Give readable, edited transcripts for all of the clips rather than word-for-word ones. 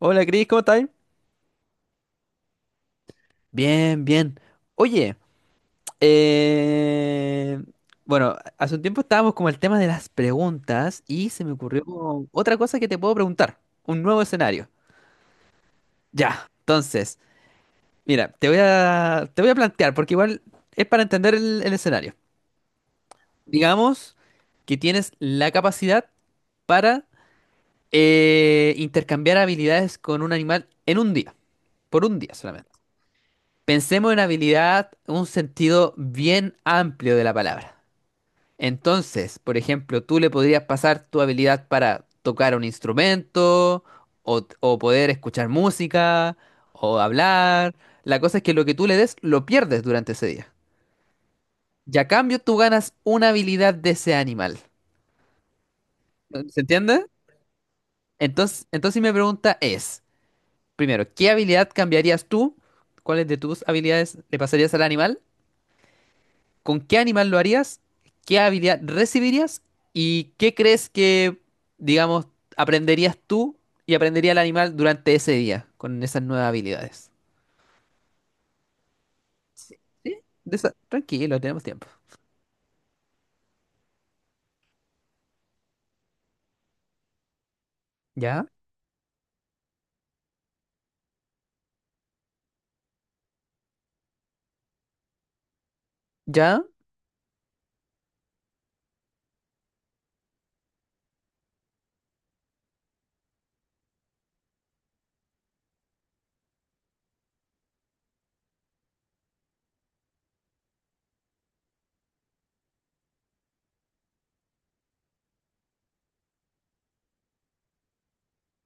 Hola Cris, ¿cómo estás? Bien, bien. Oye, eh, bueno, hace un tiempo estábamos con el tema de las preguntas y se me ocurrió otra cosa que te puedo preguntar, un nuevo escenario. Ya, entonces, mira, te voy a plantear, porque igual es para entender el escenario. Digamos que tienes la capacidad para intercambiar habilidades con un animal en un día, por un día solamente. Pensemos en habilidad, un sentido bien amplio de la palabra. Entonces, por ejemplo, tú le podrías pasar tu habilidad para tocar un instrumento, o, poder escuchar música, o hablar. La cosa es que lo que tú le des lo pierdes durante ese día. Y a cambio tú ganas una habilidad de ese animal. ¿Se entiende? Entonces, mi pregunta es, primero, ¿qué habilidad cambiarías tú? ¿Cuáles de tus habilidades le pasarías al animal? ¿Con qué animal lo harías? ¿Qué habilidad recibirías? ¿Y qué crees que, digamos, aprenderías tú y aprendería el animal durante ese día con esas nuevas habilidades? Sí. ¿Sí? Tranquilo, tenemos tiempo. ¿Ya? ¿Ya?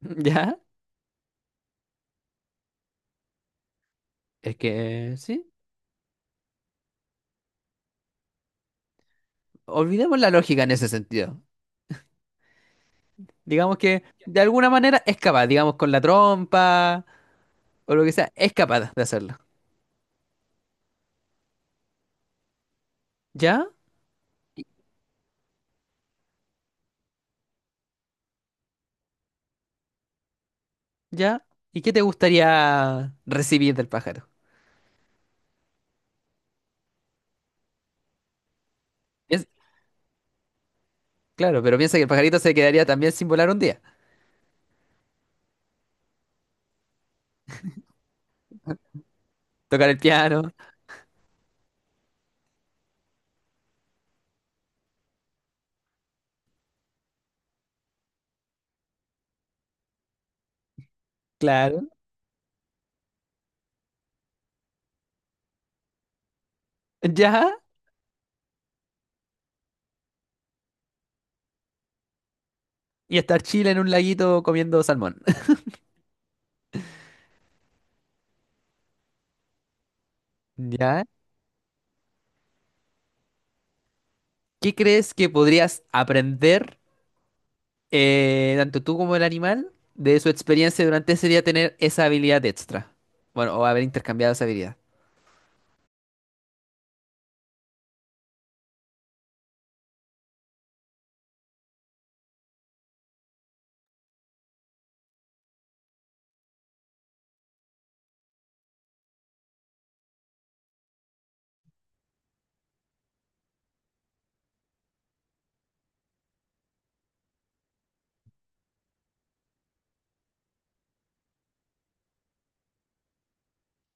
¿Ya? Es que, sí. Olvidemos la lógica en ese sentido. Digamos que de alguna manera es capaz, digamos con la trompa o lo que sea, es capaz de hacerlo. ¿Ya? ¿Ya? ¿Y qué te gustaría recibir del pájaro? Piens- Claro, pero piensa que el pajarito se quedaría también sin volar un día. Tocar el piano, claro. Ya. Y estar chile en un laguito comiendo salmón. Ya. ¿Qué crees que podrías aprender, tanto tú como el animal, de su experiencia durante ese día tener esa habilidad extra? Bueno, o haber intercambiado esa habilidad.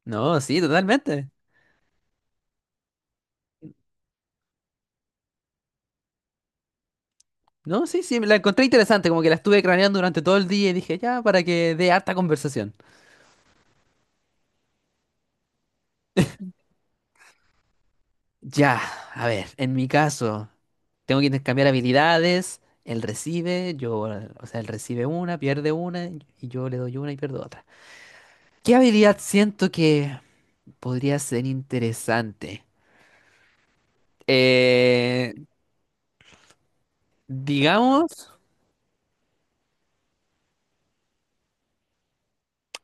No, sí, totalmente. No, sí, sí, la encontré interesante, como que la estuve craneando durante todo el día y dije, ya, para que dé harta conversación. Ya, a ver, en mi caso, tengo que intercambiar habilidades, él recibe, o sea, él recibe una, pierde una, y yo le doy una y pierdo otra. ¿Qué habilidad siento que podría ser interesante? Eh, digamos,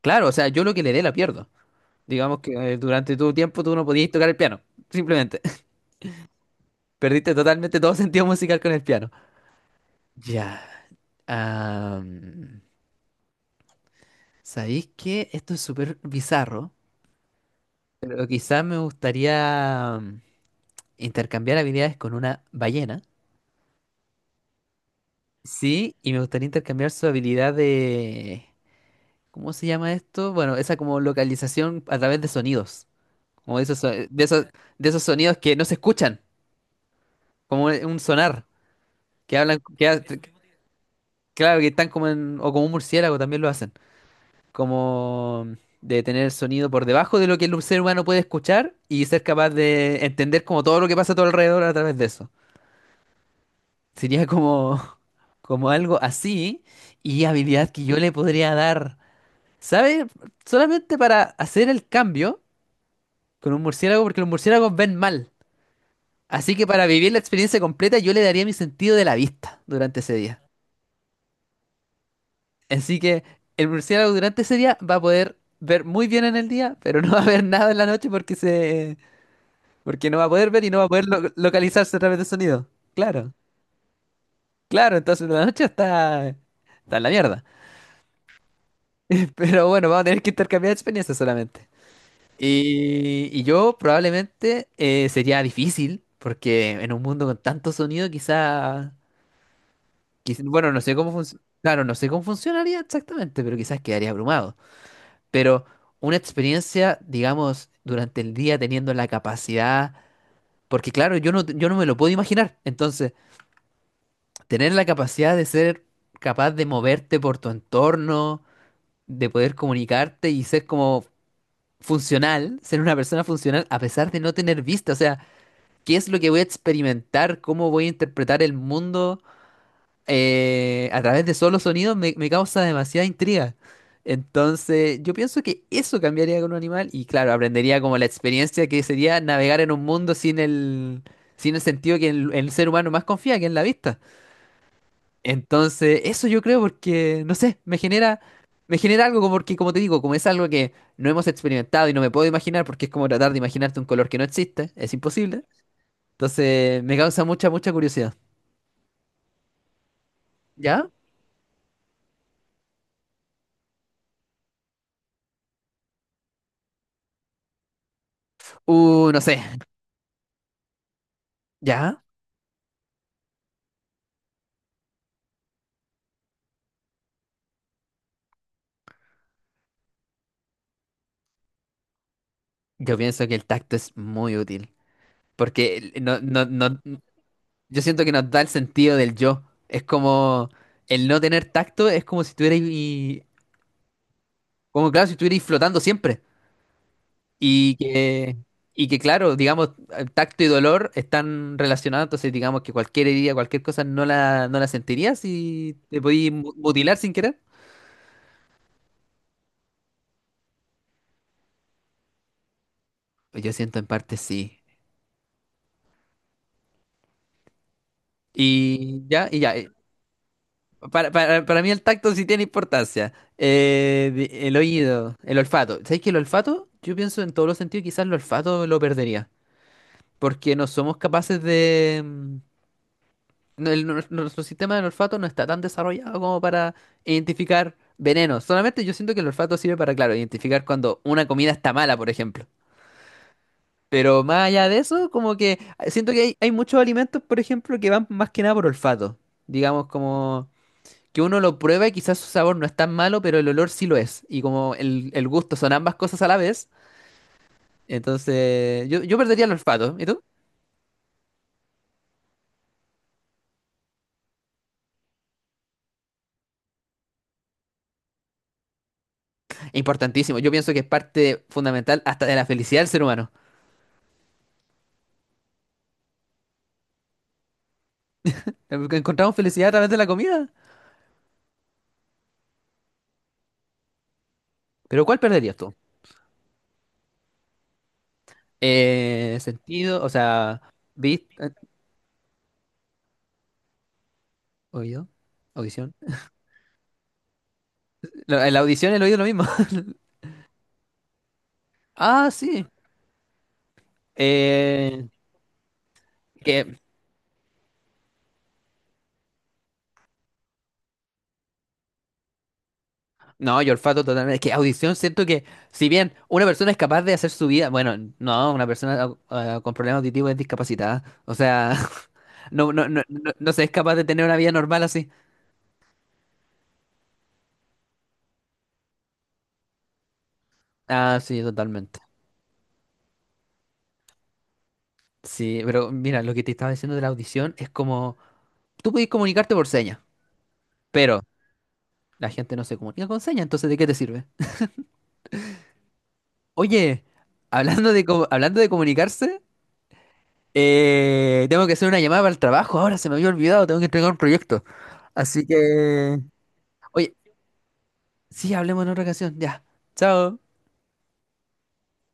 claro, o sea, yo lo que le dé la pierdo. Digamos que durante tu tiempo tú no podías tocar el piano, simplemente. Perdiste totalmente todo sentido musical con el piano. Ya. am, ¿Sabéis qué? Esto es súper bizarro. Pero quizás me gustaría intercambiar habilidades con una ballena. Sí, y me gustaría intercambiar su habilidad de... ¿Cómo se llama esto? Bueno, esa como localización a través de sonidos. Como de esos, so- de esos sonidos que no se escuchan. Como un sonar. Que hablan... Que, ha- Claro, que están como en... O como un murciélago también lo hacen. Como de tener sonido por debajo de lo que el ser humano puede escuchar y ser capaz de entender como todo lo que pasa a tu alrededor a través de eso. Sería como, como algo así y habilidad que yo le podría dar, ¿sabes? Solamente para hacer el cambio con un murciélago, porque los murciélagos ven mal. Así que para vivir la experiencia completa yo le daría mi sentido de la vista durante ese día. Así que el murciélago durante ese día va a poder ver muy bien en el día, pero no va a ver nada en la noche porque no va a poder ver y no va a poder localizarse a través del sonido. Claro, claro, entonces la noche está en la mierda. Pero bueno, vamos a tener que intercambiar experiencias solamente. Y yo probablemente sería difícil, porque en un mundo con tanto sonido, bueno, no sé cómo funciona, claro, no sé cómo funcionaría exactamente, pero quizás quedaría abrumado. Pero una experiencia, digamos, durante el día teniendo la capacidad, porque claro, yo no me lo puedo imaginar. Entonces, tener la capacidad de ser capaz de moverte por tu entorno, de poder comunicarte y ser como funcional, ser una persona funcional a pesar de no tener vista. O sea, ¿qué es lo que voy a experimentar? ¿Cómo voy a interpretar el mundo a través de solo sonidos? Me causa demasiada intriga. Entonces, yo pienso que eso cambiaría con un animal y claro, aprendería como la experiencia que sería navegar en un mundo sin sin el sentido que el ser humano más confía, que es la vista. Entonces, eso yo creo porque, no sé, me genera algo como porque, como te digo, como es algo que no hemos experimentado y no me puedo imaginar porque es como tratar de imaginarte un color que no existe, es imposible. Entonces, me causa mucha, mucha curiosidad. ¿Ya? No sé. ¿Ya? Yo pienso que el tacto es muy útil porque el- no, no, no, yo siento que nos da el sentido del yo. Es como el no tener tacto es como si estuvierais, como claro, si estuvierais flotando siempre. Y que, y que claro, digamos, tacto y dolor están relacionados, entonces digamos que cualquier herida, cualquier cosa no la sentirías si te podías mutilar sin querer. Pues yo siento en parte sí. Y ya, y ya. eh, Para, para mí el tacto sí tiene importancia. El oído, el olfato. ¿Sabes que el olfato? Yo pienso en todos los sentidos, quizás el olfato lo perdería. Porque no somos capaces de... nuestro sistema del olfato no está tan desarrollado como para identificar venenos. Solamente yo siento que el olfato sirve para, claro, identificar cuando una comida está mala, por ejemplo. Pero más allá de eso, como que siento que hay muchos alimentos, por ejemplo, que van más que nada por olfato. Digamos, como que uno lo prueba y quizás su sabor no es tan malo, pero el olor sí lo es. Y como el gusto son ambas cosas a la vez, entonces yo perdería el olfato. ¿Y tú? Importantísimo. Yo pienso que es parte fundamental hasta de la felicidad del ser humano. Porque encontramos felicidad a través de la comida. Pero ¿cuál perderías tú? Eh, sentido, o sea, vista, oído, audición. La audición y el oído es lo mismo. Ah, sí. Eh, que no, yo olfato totalmente. Es que audición siento que, si bien una persona es capaz de hacer su vida, bueno, no, una persona con problemas auditivos es discapacitada. O sea, no, no, no, no, no se es capaz de tener una vida normal así. Ah, sí, totalmente. Sí, pero mira, lo que te estaba diciendo de la audición es como, tú podés comunicarte por señas. Pero la gente no se comunica con señas, entonces ¿de qué te sirve? Oye, hablando de comunicarse, tengo que hacer una llamada para el trabajo. Ahora se me había olvidado, tengo que entregar un proyecto. Así que... Oye, sí, hablemos en otra ocasión. Ya. Chao.